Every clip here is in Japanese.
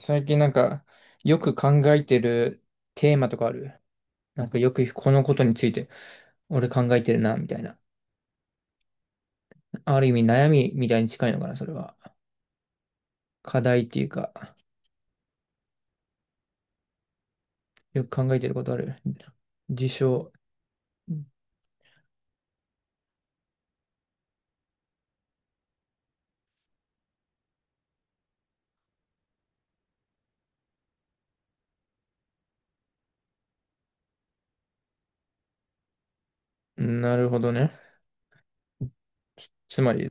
最近よく考えてるテーマとかあるよくこのことについて、俺考えてるな、みたいな。ある意味悩みみたいに近いのかな、それは。課題っていうか、よく考えてることある事象。なるほどね。つまり、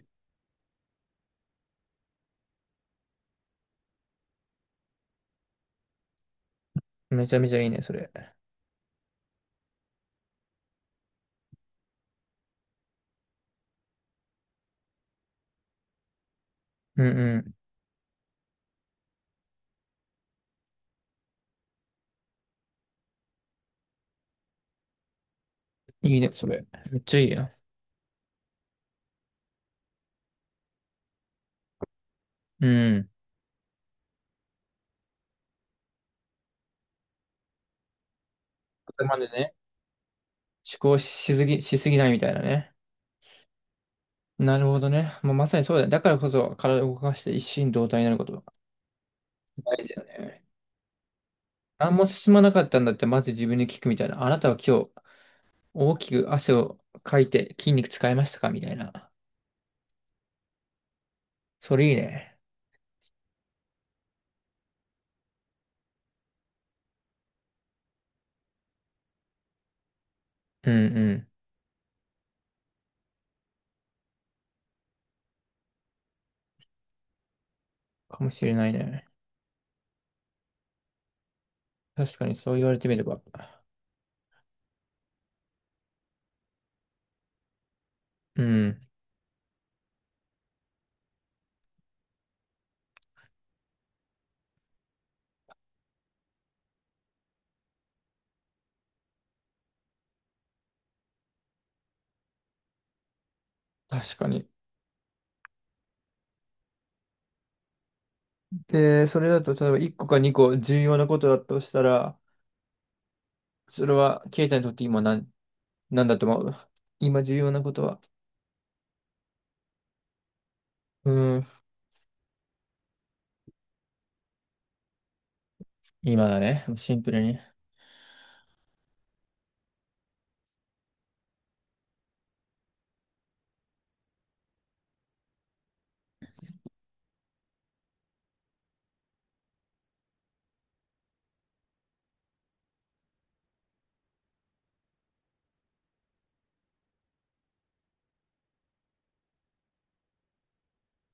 めちゃめちゃいいね、それ。うんうん。いいね、それ。めっちゃいいや。うん。頭でね、思考しすぎ、しすぎないみたいなね。なるほどね。もうまさにそうだよ。だからこそ体を動かして一心同体になること。大事だよね。何も進まなかったんだって、まず自分に聞くみたいな。あなたは今日、大きく汗をかいて筋肉使いましたかみたいな。それいいね。うんうん。かもしれないね。確かにそう言われてみれば。うん。確かに。で、それだと、例えば1個か2個重要なことだとしたら、それは、ケイタにとって今なん、なんだと思う、今重要なことは。うん。今だね。シンプルに。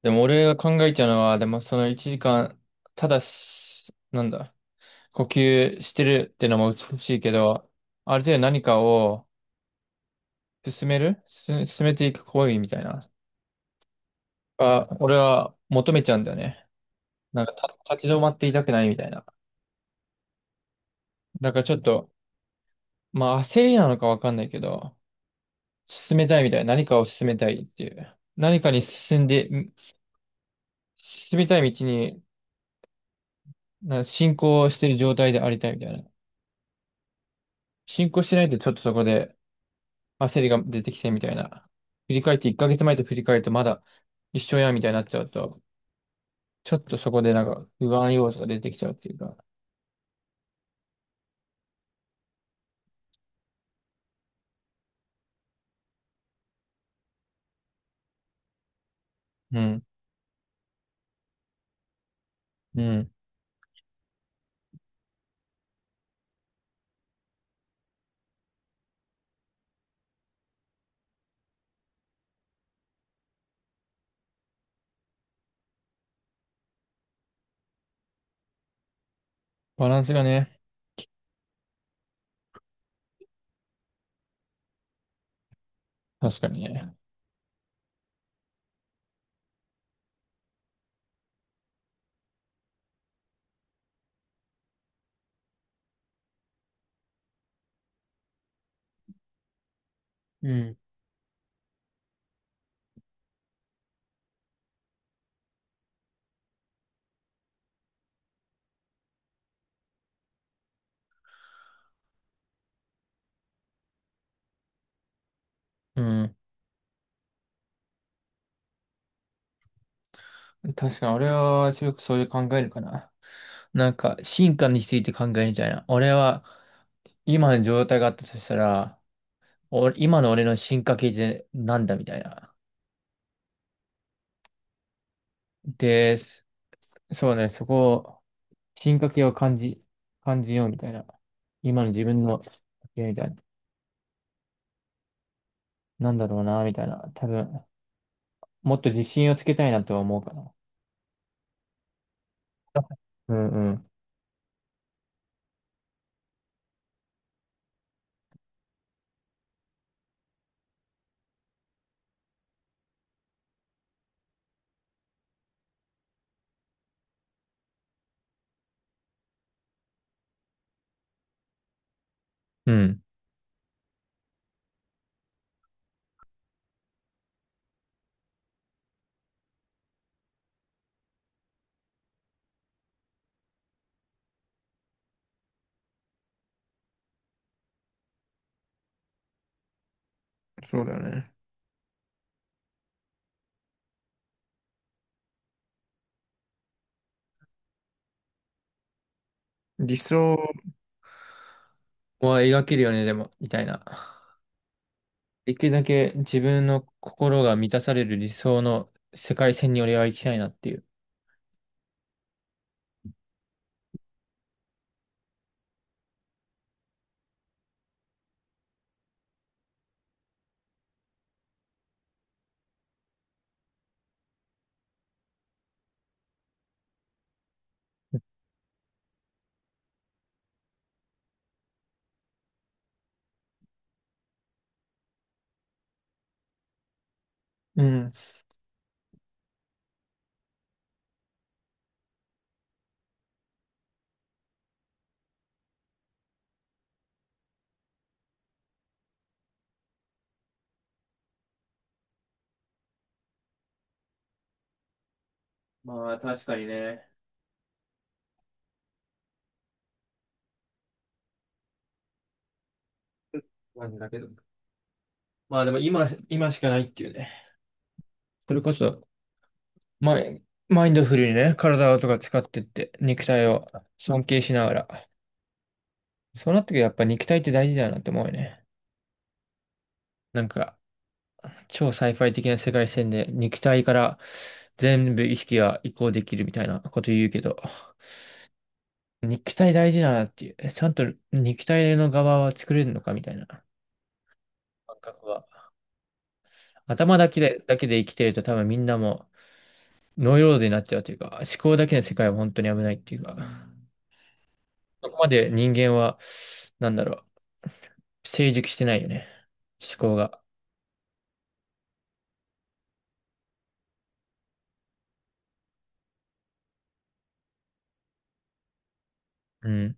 でも俺が考えちゃうのは、でもその1時間、ただし、なんだ。呼吸してるってのも美しいけど、ある程度何かを進めていく行為みたいな。あ、俺は求めちゃうんだよね。なんか立ち止まっていたくないみたいな。だからちょっと、まあ焦りなのかわかんないけど、進めたいみたいな。何かを進めたいっていう。何かに進んで、ん進みたい道に進行してる状態でありたいみたいな。進行してないとちょっとそこで焦りが出てきてみたいな。振り返って1ヶ月前と振り返るとまだ一緒やみたいになっちゃうと、ちょっとそこでなんか不安要素が出てきちゃうっていうか。うん。うん。バランスがね。確かにね。うん。うん。確かに俺は強くそういう考えるかな。なんか進化について考えるみたいな。俺は今の状態があったとしたら、俺今の俺の進化系ってなんだみたいな。で、そうね、そこを進化系を感じ、感じようみたいな。今の自分の、みたいな。なんだろうな、みたいな。多分、もっと自信をつけたいなとは思うかな。あうんうん。うんそうだよね。理想、は描けるよね、でも、みたいな。できるだけ自分の心が満たされる理想の世界線に俺は行きたいなっていう。うん。まあ、確かにね。マジだけど。まあでも今、今しかないっていうね。それこそ、マインドフルにね、体とか使ってって、肉体を尊敬しながら。そうなってくるとやっぱ肉体って大事だよなって思うよね。なんか、超サイファイ的な世界線で肉体から全部意識が移行できるみたいなこと言うけど、肉体大事だなっていう、え、ちゃんと肉体の側は作れるのかみたいな感覚は。頭だけで、だけで生きてると多分みんなもノイローゼになっちゃうというか、思考だけの世界は本当に危ないっていうか、そこまで人間は、なんだろう、成熟してないよね。思考が。うん、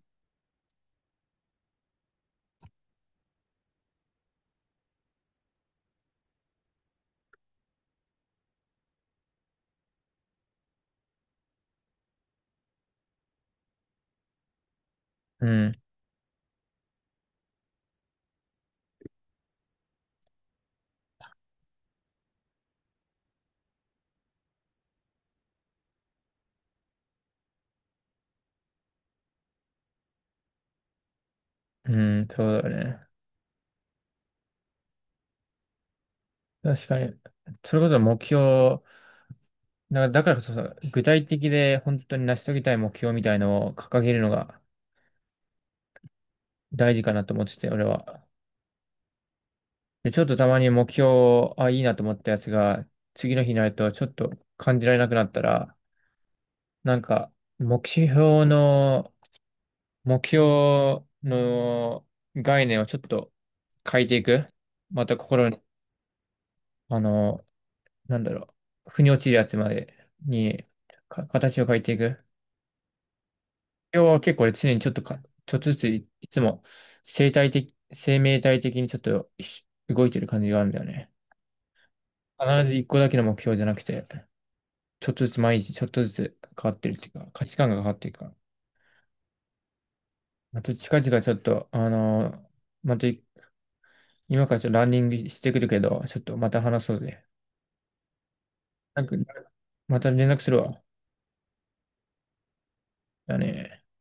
うん、うん、そうだよね。確かに。それこそ目標だだからこそ、具体的で本当に成し遂げたい目標みたいのを掲げるのが大事かなと思ってて、俺は。で、ちょっとたまに目標、あ、いいなと思ったやつが、次の日になるとちょっと感じられなくなったら、なんか、目標の、目標の概念をちょっと変えていく。また心に、あの、なんだろう、腑に落ちるやつまでに、形を変えていく。要は結構俺常にちょっとずついつも生命体的にちょっと動いてる感じがあるんだよね。必ず一個だけの目標じゃなくて、ちょっとずつ毎日ちょっとずつ変わってるっていうか、価値観が変わっていくから。また近々ちょっと、また今からちょっとランニングしてくるけど、ちょっとまた話そうぜ。なんか、また連絡するわ。だね。